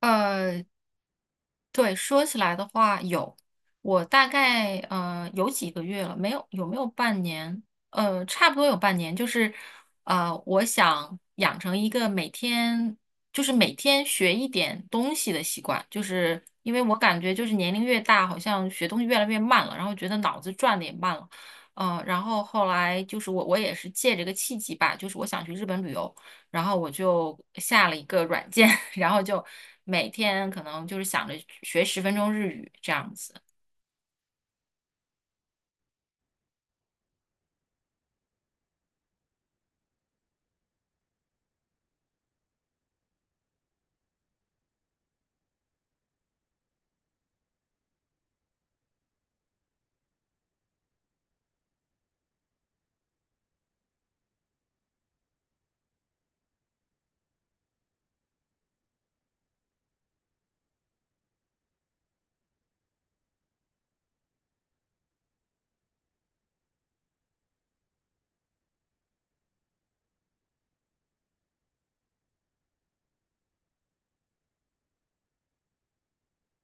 呃，对，说起来的话，有，我大概有几个月了，没有，有没有半年？差不多有半年，就是我想养成一个每天就是每天学一点东西的习惯，就是因为我感觉就是年龄越大，好像学东西越来越慢了，然后觉得脑子转的也慢了，然后后来就是我也是借这个契机吧，就是我想去日本旅游。然后我就下了一个软件，然后就每天可能就是想着学十分钟日语这样子。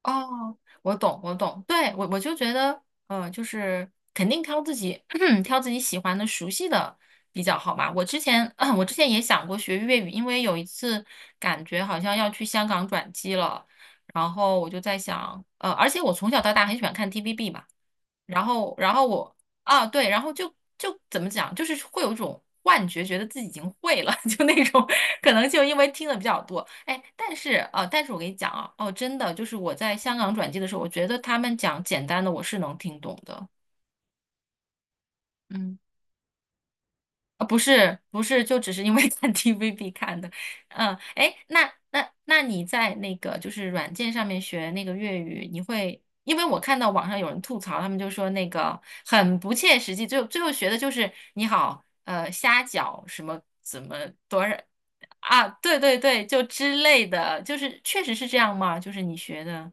哦，我懂，我懂，对，我就觉得，就是肯定挑自己 挑自己喜欢的、熟悉的比较好吧。我之前，我之前也想过学粤语，因为有一次感觉好像要去香港转机了，然后我就在想，而且我从小到大很喜欢看 TVB 嘛。然后我啊，对，然后就怎么讲，就是会有一种幻觉，觉得自己已经会了，就那种可能就因为听的比较多，哎，但是我跟你讲啊，哦，真的，就是我在香港转机的时候，我觉得他们讲简单的我是能听懂的，嗯。啊，不是不是，就只是因为 看 TVB 看的，嗯，哎，那你在那个就是软件上面学那个粤语，你会，因为我看到网上有人吐槽，他们就说那个很不切实际，最后学的就是你好，虾饺什么怎么多少啊，对对对，就之类的，就是确实是这样吗？就是你学的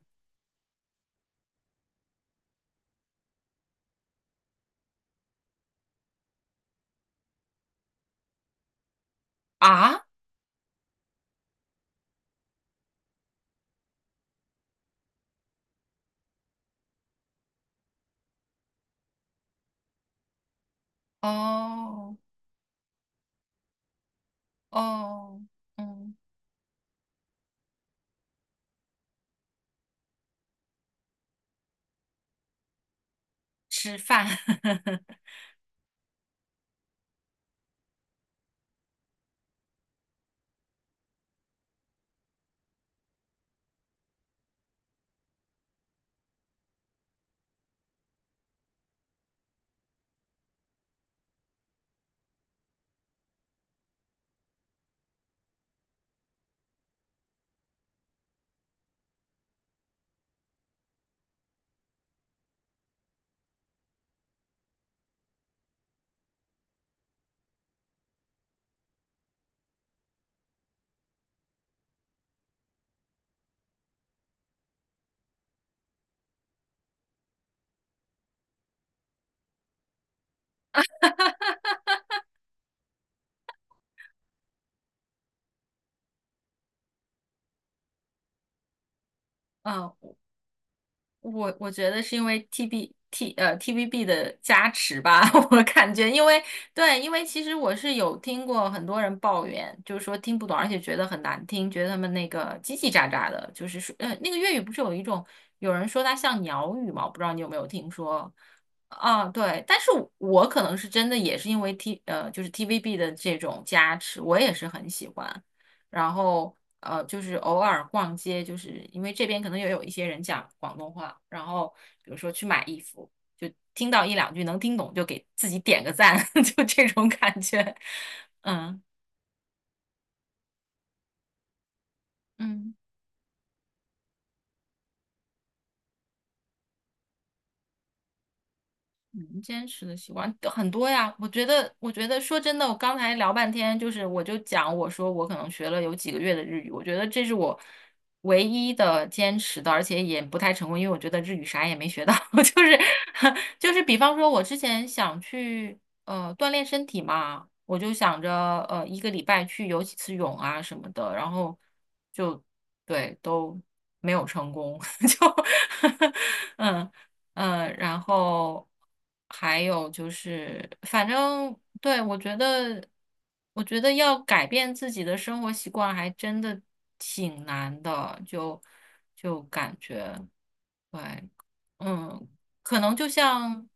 啊，哦哦，嗯，吃饭，嗯我觉得是因为 TVB 的加持吧，我感觉，因为对，因为其实我是有听过很多人抱怨，就是说听不懂，而且觉得很难听，觉得他们那个叽叽喳喳的，就是说，那个粤语不是有一种有人说它像鸟语嘛，我不知道你有没有听说，啊，对，但是我可能是真的也是因为 就是 TVB 的这种加持，我也是很喜欢。然后就是偶尔逛街，就是因为这边可能也有一些人讲广东话，然后比如说去买衣服，就听到一两句能听懂，就给自己点个赞，就这种感觉。嗯嗯。嗯，坚持的习惯很多呀，我觉得，说真的，我刚才聊半天，就是我就讲，我说我可能学了有几个月的日语，我觉得这是我唯一的坚持的，而且也不太成功，因为我觉得日语啥也没学到，就是 就是比方说，我之前想去锻炼身体嘛，我就想着一个礼拜去游几次泳啊什么的，然后就对都没有成功，就 嗯。然后还有就是，反正对，我觉得，我觉得要改变自己的生活习惯，还真的挺难的，就感觉。对，嗯，可能就像，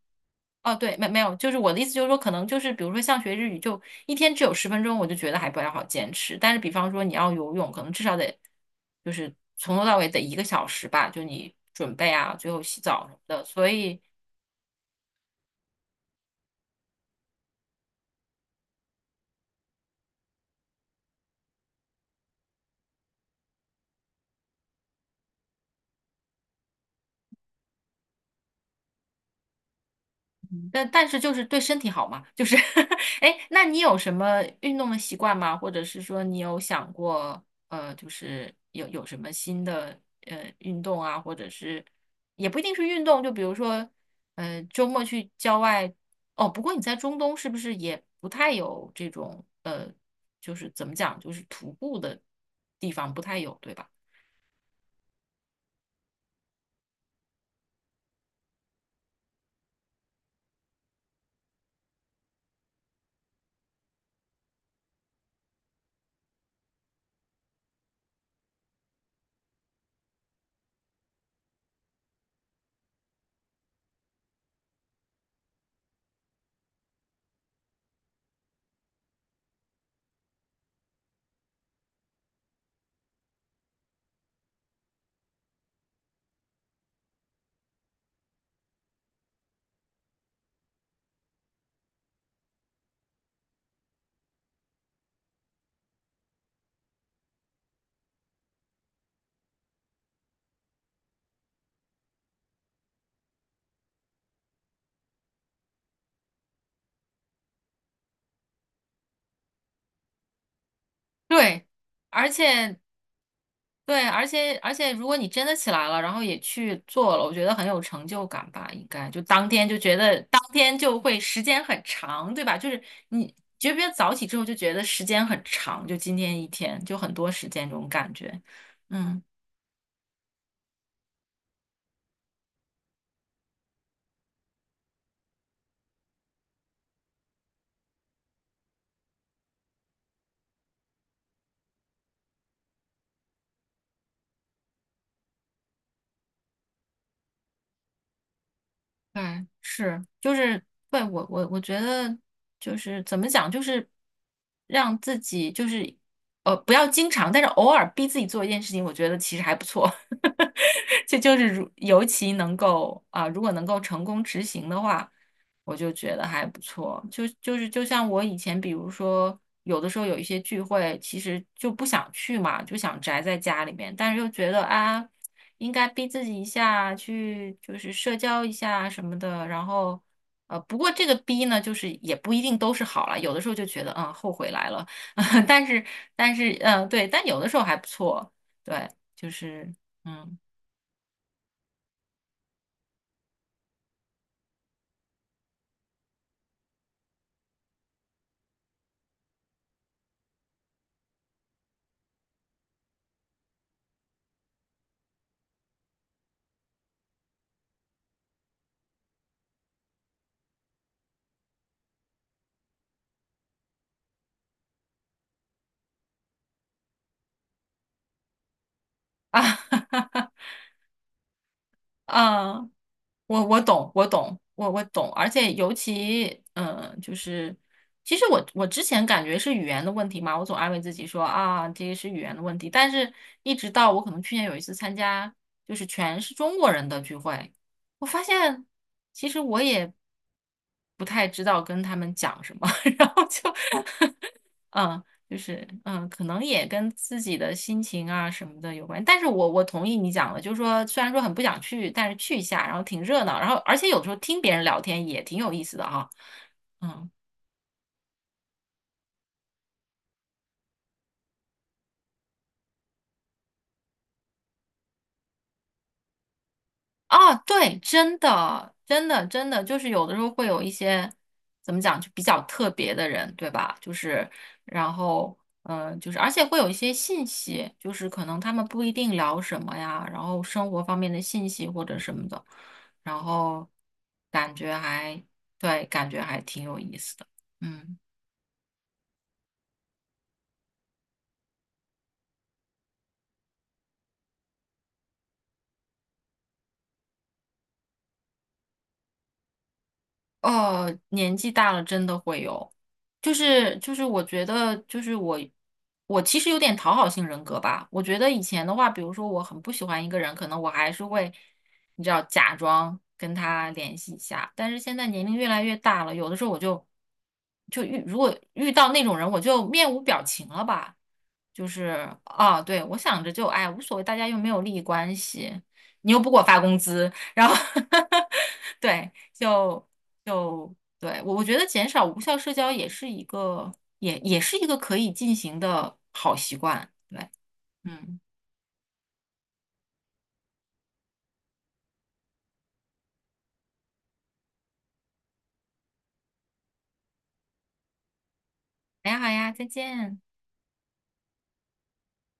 哦，对，没有，就是我的意思就是说，可能就是比如说像学日语，就一天只有十分钟，我就觉得还不太好坚持。但是比方说你要游泳，可能至少得就是从头到尾得一个小时吧，就你准备啊，最后洗澡什么的。所以但是就是对身体好嘛，就是 哎，那你有什么运动的习惯吗？或者是说你有想过，就是有什么新的运动啊，或者是也不一定是运动，就比如说，周末去郊外，哦，不过你在中东是不是也不太有这种就是怎么讲，就是徒步的地方不太有，对吧？对，而且对，而且，如果你真的起来了，然后也去做了，我觉得很有成就感吧，应该就当天就觉得当天就会时间很长，对吧？就是你觉不觉得早起之后就觉得时间很长，就今天一天就很多时间这种感觉，嗯。对，是，就是，对，我觉得就是怎么讲，就是让自己就是不要经常，但是偶尔逼自己做一件事情，我觉得其实还不错。就是尤其能够啊、如果能够成功执行的话，我就觉得还不错。就是就像我以前，比如说有的时候有一些聚会，其实就不想去嘛，就想宅在家里面，但是又觉得啊，应该逼自己一下，去就是社交一下什么的。然后不过这个逼呢，就是也不一定都是好了，有的时候就觉得嗯，后悔来了，但是但是对，但有的时候还不错，对，就是嗯啊，嗯。我懂，我懂，我懂，而且尤其，嗯，就是，其实我之前感觉是语言的问题嘛，我总安慰自己说啊，这个是语言的问题，但是一直到我可能去年有一次参加，就是全是中国人的聚会，我发现其实我也不太知道跟他们讲什么，然后就，嗯。就是可能也跟自己的心情啊什么的有关。但是我同意你讲的，就是说虽然说很不想去，但是去一下，然后挺热闹，然后而且有时候听别人聊天也挺有意思的哈，嗯。啊，对，真的，真的，真的，就是有的时候会有一些怎么讲，就比较特别的人，对吧？就是，然后，就是，而且会有一些信息，就是可能他们不一定聊什么呀，然后生活方面的信息或者什么的，然后感觉还，对，感觉还挺有意思的，嗯。哦，年纪大了真的会有，就是我觉得就是我其实有点讨好性人格吧。我觉得以前的话，比如说我很不喜欢一个人，可能我还是会你知道假装跟他联系一下，但是现在年龄越来越大了，有的时候我就如果遇到那种人，我就面无表情了吧，就是啊，对，我想着就哎无所谓，大家又没有利益关系，你又不给我发工资，然后 对。就对，我觉得减少无效社交也是一个，也是一个可以进行的好习惯。对，嗯，好呀好呀，再见。